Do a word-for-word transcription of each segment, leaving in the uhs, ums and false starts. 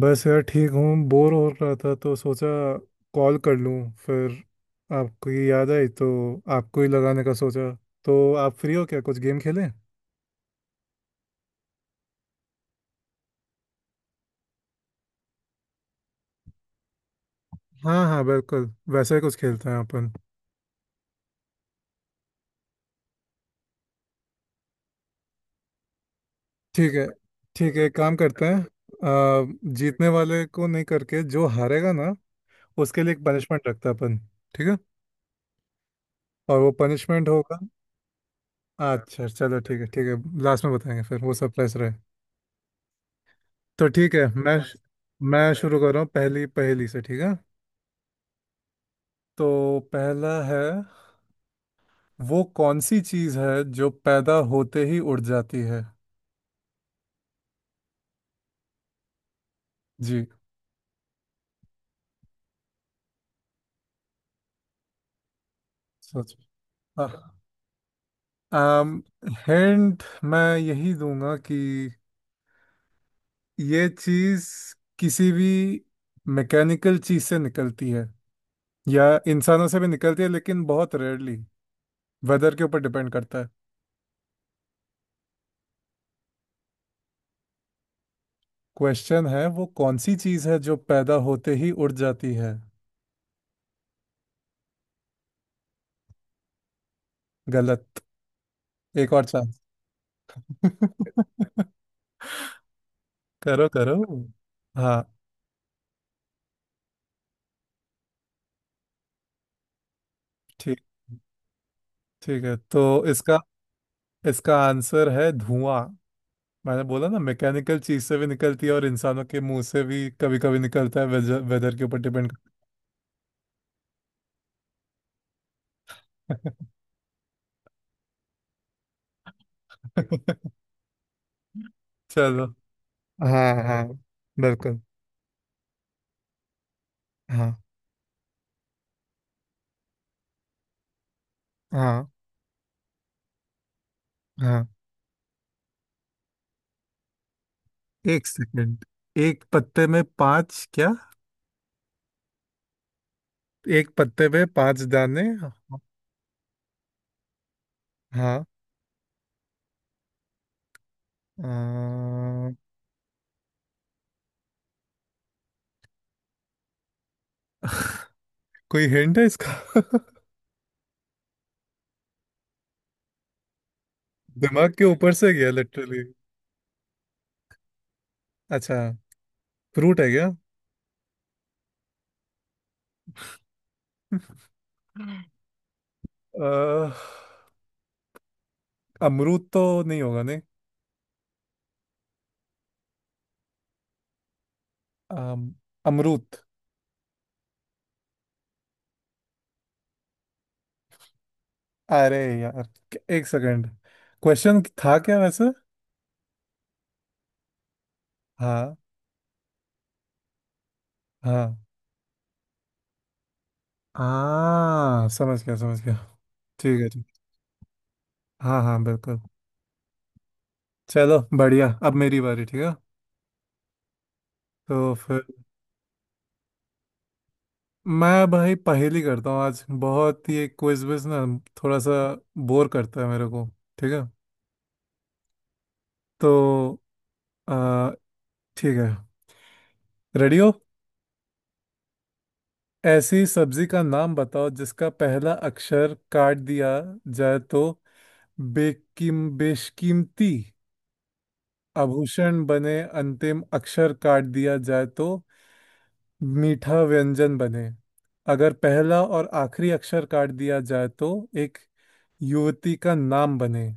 बस यार ठीक हूँ। बोर हो रहा था तो सोचा कॉल कर लूँ। फिर आपकी याद आई तो आपको ही लगाने का सोचा। तो आप फ्री हो क्या? कुछ गेम खेलें? हाँ हाँ, बिल्कुल। वैसे ही कुछ खेलते हैं अपन। ठीक है। ठीक है, एक काम करते हैं अ, जीतने वाले को नहीं करके जो हारेगा ना, उसके लिए एक पनिशमेंट रखते हैं अपन। ठीक है। और वो पनिशमेंट होगा। अच्छा चलो, ठीक है ठीक है, लास्ट में बताएंगे फिर वो सरप्राइज रहे। तो ठीक है, मैं मैं शुरू कर रहा हूँ पहली पहेली से। ठीक है, तो पहला है, वो कौन सी चीज है जो पैदा होते ही उड़ जाती है? जी। सोच। आम। हिंट मैं यही दूंगा कि ये चीज किसी भी मैकेनिकल चीज से निकलती है, या इंसानों से भी निकलती है लेकिन बहुत रेयरली। वेदर के ऊपर डिपेंड करता है। क्वेश्चन है, वो कौन सी चीज है जो पैदा होते ही उड़ जाती है? गलत। एक और चांस। करो करो। हाँ, ठीक ठीक है तो इसका इसका आंसर है धुआं। मैंने बोला ना मैकेनिकल चीज से भी निकलती है, और इंसानों के मुंह से भी कभी कभी निकलता है। वेदर, वेदर के ऊपर डिपेंड करता है। चलो, हाँ हाँ बिल्कुल। हाँ हाँ हाँ। एक सेकंड, एक पत्ते में पांच क्या? एक पत्ते पे पांच दाने? हाँ। हाँ, अ, कोई हिंट है इसका? दिमाग के ऊपर से गया लिटरली। अच्छा, फ्रूट है क्या? अ, अमरूद तो नहीं होगा, नहीं। अम, अमरूद। अरे यार, एक सेकंड। क्वेश्चन था क्या वैसे? हाँ। हाँ हाँ, समझ गया समझ गया। ठीक है, ठीक। हाँ हाँ, बिल्कुल। चलो बढ़िया, अब मेरी बारी, ठीक है। तो फिर, मैं भाई पहेली करता हूँ आज, बहुत ये क्विज विज ना थोड़ा सा बोर करता है मेरे को। ठीक है। तो आ, ठीक है, रेडी हो? ऐसी सब्जी का नाम बताओ जिसका पहला अक्षर काट दिया जाए तो बेकिम बेशकीमती आभूषण बने, अंतिम अक्षर काट दिया जाए तो मीठा व्यंजन बने, अगर पहला और आखिरी अक्षर काट दिया जाए तो एक युवती का नाम बने।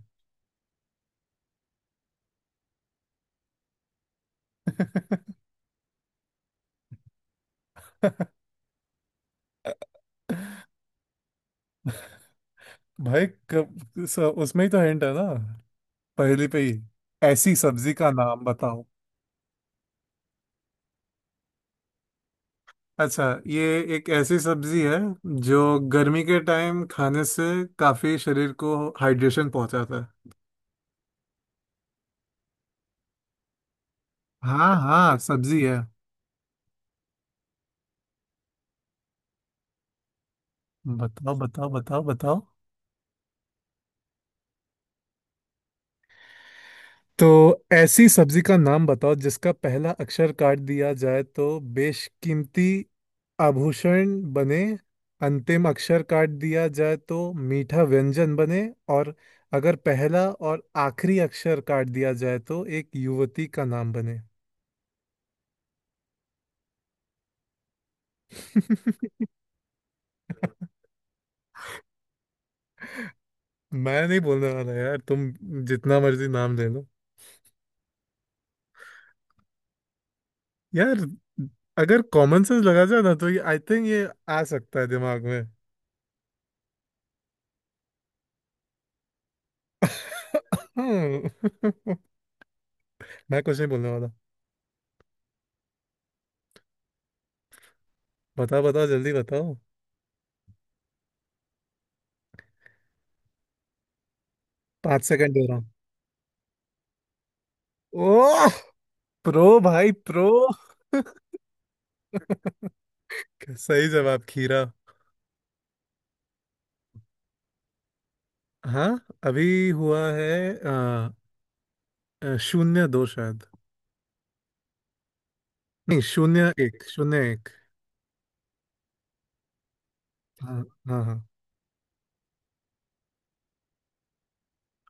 भाई कब स- उसमें ही तो हिंट है ना, पहली पे ही। ऐसी सब्जी का नाम बताओ। अच्छा, ये एक ऐसी सब्जी है जो गर्मी के टाइम खाने से काफी शरीर को हाइड्रेशन पहुंचाता है। हाँ हाँ, सब्जी है। बताओ बताओ बताओ बताओ। तो ऐसी सब्जी का नाम बताओ जिसका पहला अक्षर काट दिया जाए तो बेशकीमती आभूषण बने, अंतिम अक्षर काट दिया जाए तो मीठा व्यंजन बने, और अगर पहला और आखिरी अक्षर काट दिया जाए तो एक युवती का नाम बने। मैं नहीं बोलने वाला यार, तुम जितना मर्जी नाम ले लो। यार, अगर कॉमन सेंस लगा जाए ना तो ये आई थिंक ये आ सकता है दिमाग में। मैं कुछ नहीं बोलने वाला। बताओ बताओ, जल्दी बताओ। पाँच सेकंड दे रहा हूँ। ओह, प्रो भाई, प्रो। सही जवाब खीरा। हाँ, अभी हुआ है आ, आ, शून्य दो शायद। नहीं, शून्य एक शून्य एक। हाँ हाँ हाँ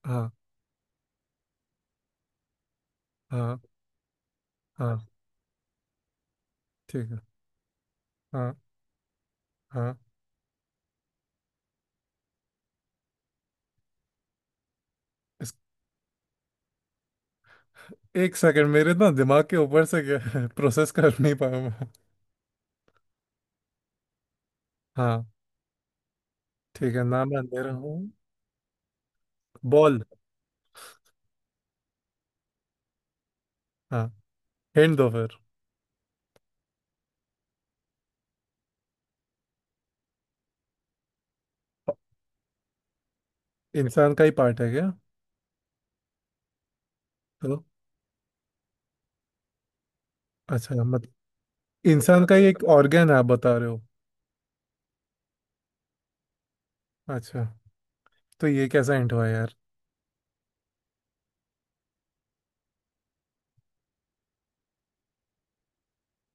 हाँ हाँ हाँ। ठीक है। हाँ हाँ। एक सेकंड, मेरे ना दिमाग के ऊपर से प्रोसेस कर नहीं पाया मैं। हाँ ठीक है, ना मैं अंधेरा हूँ। बॉल। हाँ, हिंट दो फिर। इंसान का ही पार्ट है क्या? तो अच्छा, मत। इंसान का ही एक ऑर्गन है आप बता रहे हो? अच्छा, तो ये कैसा हिंट हुआ यार?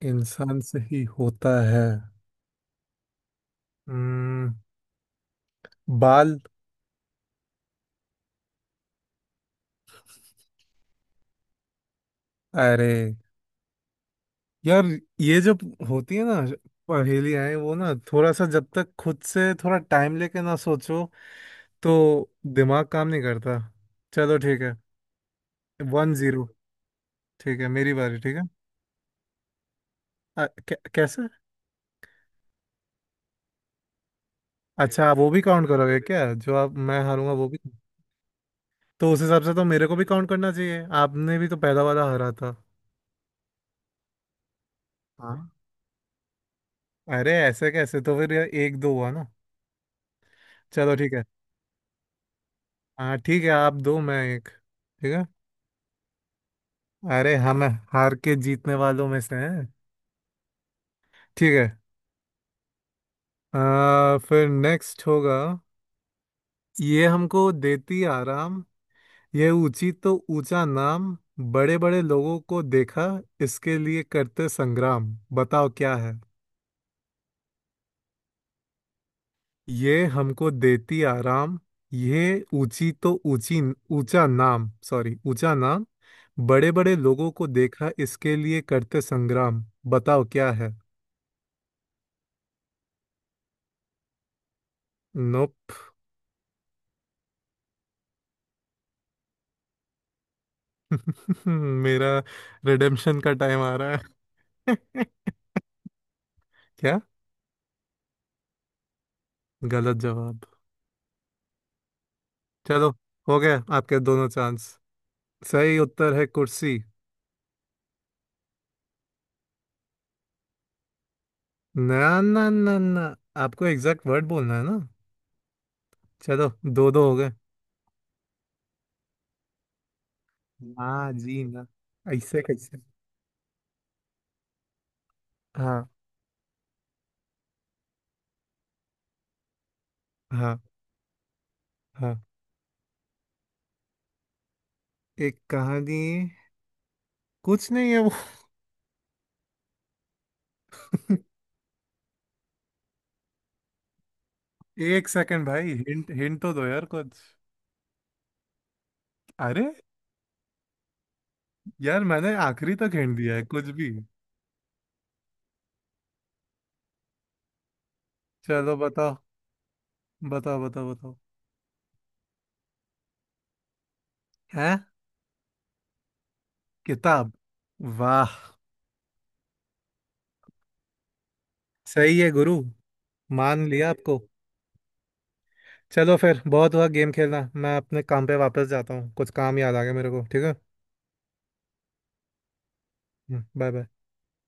इंसान से ही होता है। हम्म। बाल। अरे यार, ये जब होती है ना पहेलियाँ, वो ना थोड़ा सा जब तक खुद से थोड़ा टाइम लेके ना सोचो तो दिमाग काम नहीं करता। चलो ठीक है, वन जीरो। ठीक है, मेरी बारी, ठीक है। अ, कै, कैसे? अच्छा, आप वो भी काउंट करोगे क्या, जो आप, मैं हारूंगा वो भी? तो उस हिसाब से तो मेरे को भी काउंट करना चाहिए, आपने भी तो पहला वाला हरा था। हाँ। अरे ऐसे कैसे? तो फिर यार, एक दो हुआ ना। चलो ठीक है। हाँ ठीक है, आप दो मैं एक। ठीक है। अरे हम हार के जीतने वालों में से हैं। ठीक है। आ, फिर नेक्स्ट होगा। ये हमको देती आराम, यह ऊंची तो ऊंचा नाम, बड़े बड़े लोगों को देखा इसके लिए करते संग्राम। बताओ क्या है? ये हमको देती आराम, यह ऊंची तो ऊंची ऊंचा नाम सॉरी ऊंचा नाम, बड़े बड़े लोगों को देखा इसके लिए करते संग्राम। बताओ क्या है? नोप। मेरा रिडेम्पशन का टाइम आ रहा है। क्या? गलत जवाब। चलो, हो गया आपके दोनों चांस। सही उत्तर है कुर्सी। ना ना ना ना, आपको एग्जैक्ट वर्ड बोलना है ना। चलो, दो दो हो गए। हाँ जी ना। ऐसे कैसे? हाँ हाँ हाँ। एक कहानी। कुछ नहीं है वो। एक सेकंड भाई, हिंट हिंट तो दो यार कुछ। अरे यार, मैंने आखिरी तक हिंट दिया है कुछ भी। चलो बताओ बताओ बताओ बताओ। है? किताब। वाह, सही है गुरु। मान लिया आपको। चलो फिर, बहुत हुआ गेम खेलना, मैं अपने काम पे वापस जाता हूँ। कुछ काम याद आ गया मेरे को। ठीक है। बाय। बाय।